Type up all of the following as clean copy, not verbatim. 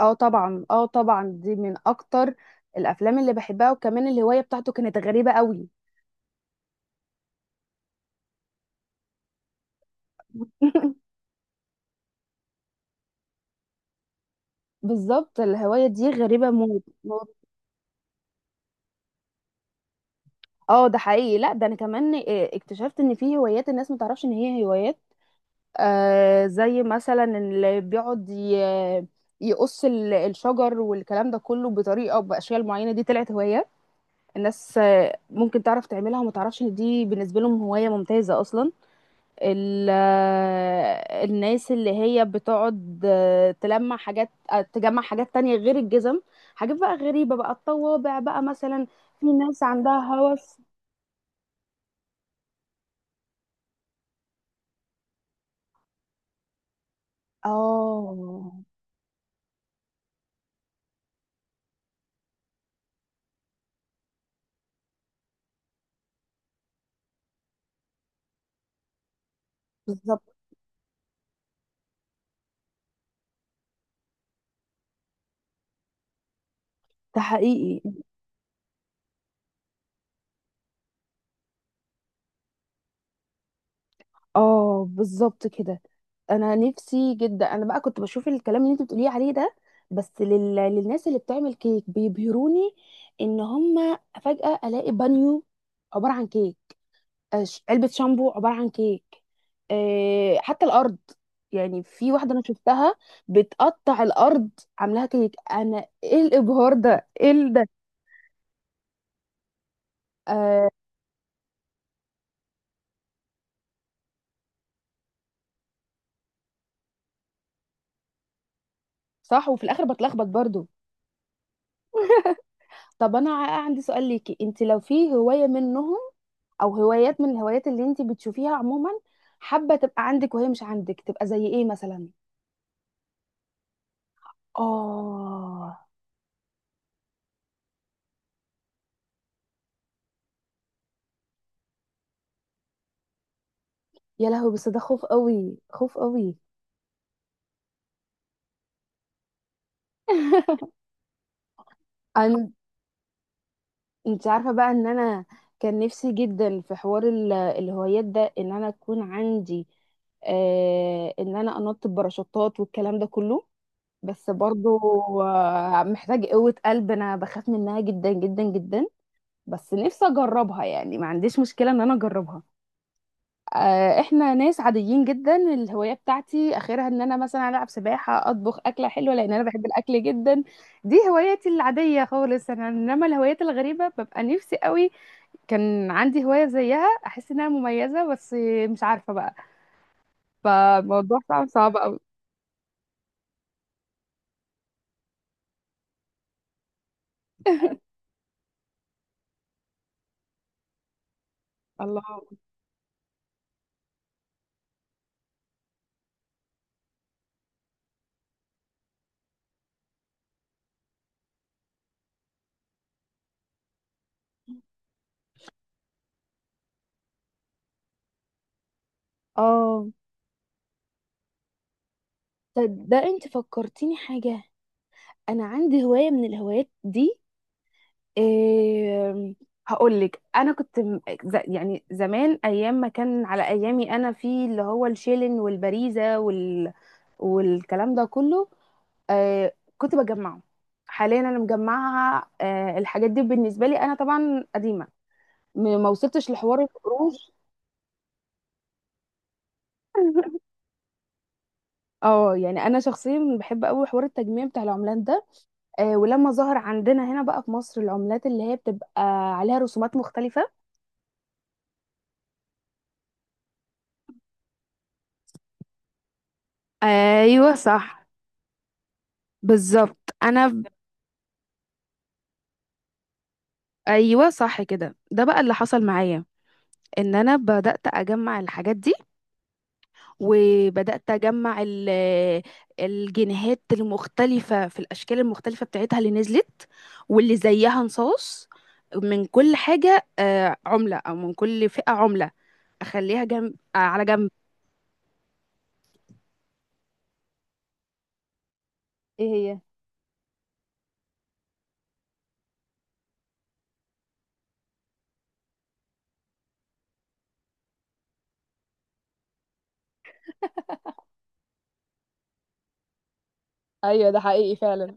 اه طبعا، اه طبعا، دي من اكتر الافلام اللي بحبها، وكمان الهوايه بتاعته كانت غريبه قوي. بالظبط الهوايه دي غريبه موت موت. اه، ده حقيقي. لا ده انا كمان اكتشفت ان في هوايات الناس ما تعرفش ان هي هوايات. زي مثلا اللي بيقعد يقص الشجر والكلام ده كله بطريقه او باشكال معينه. دي طلعت هوايه الناس، ممكن تعرف تعملها وما تعرفش ان دي بالنسبه لهم هوايه ممتازه اصلا. ال- الناس اللي هي بتقعد تلمع حاجات، تجمع حاجات تانية غير الجزم، حاجات بقى غريبة، بقى الطوابع بقى مثلا. في ناس عندها هوس. اه، بالظبط. ده حقيقي. اه، بالظبط كده. انا نفسي جدا، انا بقى كنت بشوف الكلام اللي انت بتقوليه عليه ده، بس للناس اللي بتعمل كيك بيبهروني. ان هم فجأة الاقي بانيو عبارة عن كيك، علبة شامبو عبارة عن كيك، حتى الأرض. يعني في واحدة أنا شفتها بتقطع الأرض، عاملاها كيك. أنا إيه الإبهار ده؟ إيه ده؟ آه، صح. وفي الآخر بتلخبط برضو. طب أنا عندي سؤال ليكي. أنت لو في هواية منهم أو هوايات من الهوايات اللي أنت بتشوفيها عموما حابة تبقى عندك وهي مش عندك، تبقى زي إيه مثلا؟ آه، يا لهوي، بس ده خوف قوي، خوف قوي. انت عارفة بقى ان انا كان نفسي جدا في حوار الهوايات ده ان انا اكون عندي، آه، ان انا انط بباراشوتات والكلام ده كله. بس برضو محتاج قوة قلب. انا بخاف منها جدا جدا جدا، بس نفسي اجربها. يعني ما عنديش مشكلة ان انا اجربها. احنا ناس عاديين جدا. الهوايه بتاعتي اخرها ان انا مثلا العب سباحه، اطبخ اكله حلوه لان انا بحب الاكل جدا. دي هواياتي العاديه خالص انا. انما الهوايات الغريبه، ببقى نفسي قوي كان عندي هوايه زيها، احس انها مميزه، بس مش عارفه بقى. فالموضوع صعب، صعب قوي. الله، اه. اه، طب ده انت فكرتيني حاجة. انا عندي هواية من الهوايات دي. إيه؟ هقول لك. انا كنت يعني زمان ايام ما كان على ايامي انا، في اللي هو الشيلن والبريزه والكلام ده كله، كنت بجمعه. حاليا انا مجمعها، الحاجات دي بالنسبه لي انا طبعا قديمه. ما وصلتش لحوار القروش. اه، يعني انا شخصيا بحب قوي حوار التجميع بتاع العملات ده. ولما ظهر عندنا هنا بقى في مصر العملات اللي هي بتبقى عليها رسومات مختلفه. ايوه صح. بالظبط انا ايوه، صح كده. ده بقى اللي حصل معايا، ان انا بدات اجمع الحاجات دي، وبدات اجمع الجنيهات المختلفه في الاشكال المختلفه بتاعتها اللي نزلت، واللي زيها نصاص. من كل حاجه، عمله او من كل فئه عمله، اخليها جنب، على جنب. ايه هي؟ ايوه، ده حقيقي فعلا.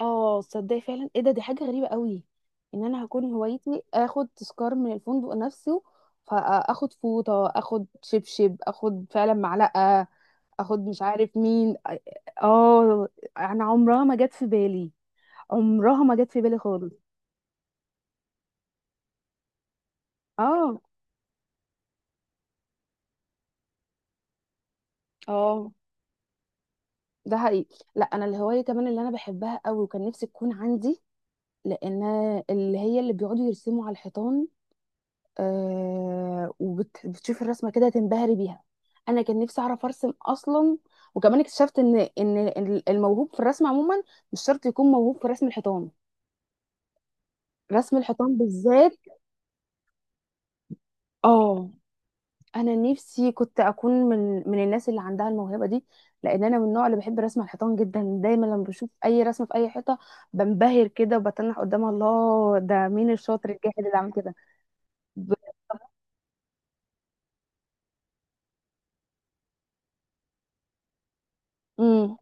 اه، تصدقي فعلا، ايه ده؟ دي حاجه غريبه قوي، ان انا هكون هوايتي اخد تذكار من الفندق نفسه. فاخد فوطه، اخد شبشب، اخد فعلا معلقه، اخد مش عارف مين. اه، انا عمرها ما جت في بالي، عمرها ما جت في بالي خالص. اه، اه، ده حقيقي. لا انا الهوايه كمان اللي انا بحبها قوي وكان نفسي تكون عندي، لان اللي هي اللي بيقعدوا يرسموا على الحيطان. وبتشوفي الرسمه كده تنبهري بيها. انا كان نفسي اعرف ارسم اصلا. وكمان اكتشفت ان الموهوب في الرسم عموما مش شرط يكون موهوب في رسم الحيطان، رسم الحيطان بالذات. اه، انا نفسي كنت اكون من الناس اللي عندها الموهبه دي. لان انا من النوع اللي بحب رسم الحيطان جدا. دايما لما بشوف اي رسمه في اي حيطه بنبهر كده وبتنح قدامها. الله، ده مين الشاطر الجاحد اللي عمل كده؟ ب... امم،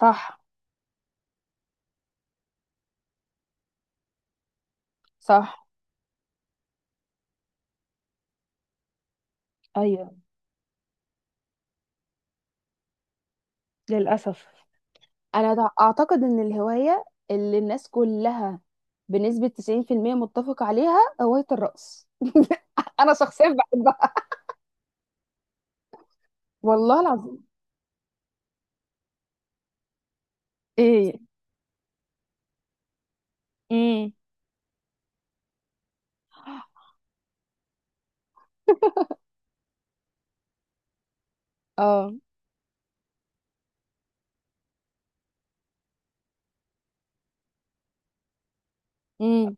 صح، صح، ايوه، للاسف. انا اعتقد ان الهواية اللي الناس كلها بنسبة 90% متفق عليها هواية الرقص. انا شخصيا بحبها، والله العظيم. ايه؟ امم. اه. امم.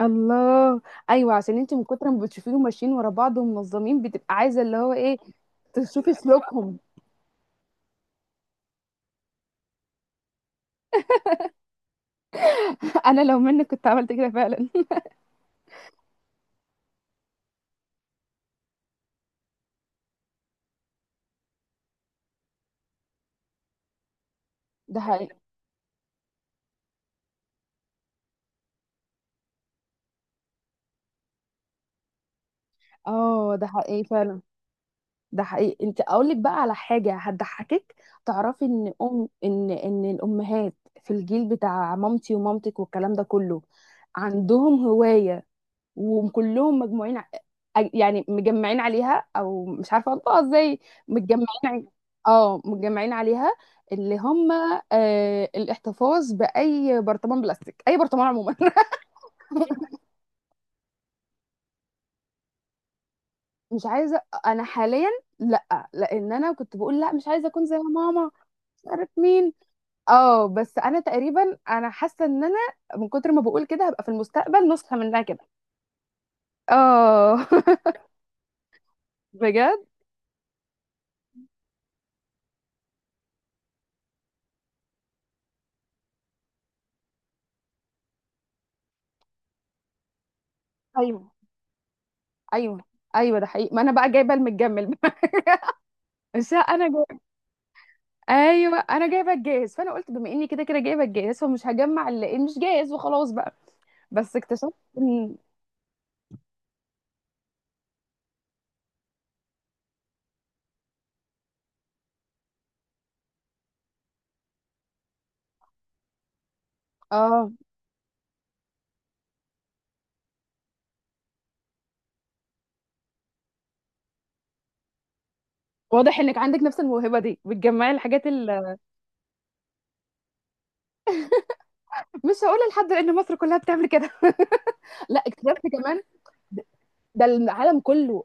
الله، ايوه، عشان انت من كتر ما بتشوفيهم ماشيين ورا بعض ومنظمين، بتبقى عايزه اللي هو ايه، تشوفي سلوكهم. انا لو منك كنت عملت كده فعلا. ده حقيقي. اه، ده حقيقي فعلا. ده حقيقي. انت اقول لك بقى على حاجه هتضحكك. تعرفي ان ام ان ان الامهات في الجيل بتاع مامتي ومامتك والكلام ده كله، عندهم هوايه وكلهم مجموعين يعني مجمعين عليها، او مش عارفه انطقها ازاي. متجمعين ع- اه متجمعين عليها، اللي هم الاحتفاظ باي برطمان بلاستيك، اي برطمان عموما. مش عايزه انا حاليا. لا، لان انا كنت بقول لا مش عايزه اكون زي ماما، مش عارف مين. اه، بس انا تقريبا انا حاسه ان انا من كتر ما بقول كده هبقى في المستقبل نسخه منها كده. اه. بجد. ايوه، ايوه، ايوه، ده حقيقي. ما انا بقى جايبه المتجمل. مش انا جايبه. ايوه، انا جايبه الجاهز. فانا قلت بما اني كده كده جايبه الجاهز، فمش هجمع اللي إيه، مش جاهز وخلاص بقى. بس اكتشفت ان... اه، واضح انك عندك نفس الموهبه دي، بتجمعي الحاجات اللي... مش هقولها لحد لان مصر كلها بتعمل كده. لا، اكتشفت كمان ده العالم كله.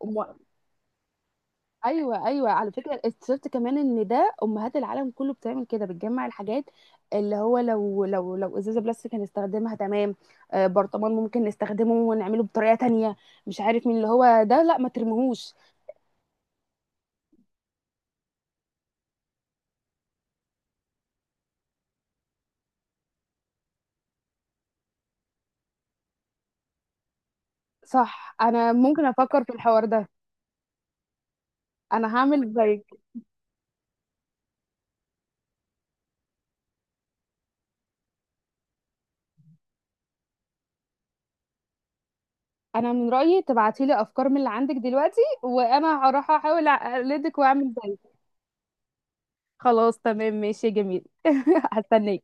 ايوه، ايوه على فكره. اكتشفت كمان ان ده امهات العالم كله بتعمل كده، بتجمع الحاجات. اللي هو لو ازازه بلاستيك هنستخدمها تمام، آه، برطمان ممكن نستخدمه ونعمله بطريقه تانية، مش عارف مين. اللي هو ده لا ما ترميهوش. صح، انا ممكن افكر في الحوار ده. انا هعمل زيك. انا من رايي تبعتي لي افكار من اللي عندك دلوقتي، وانا هروح احاول اقلدك واعمل زيك. خلاص، تمام، ماشي، جميل. هستناك.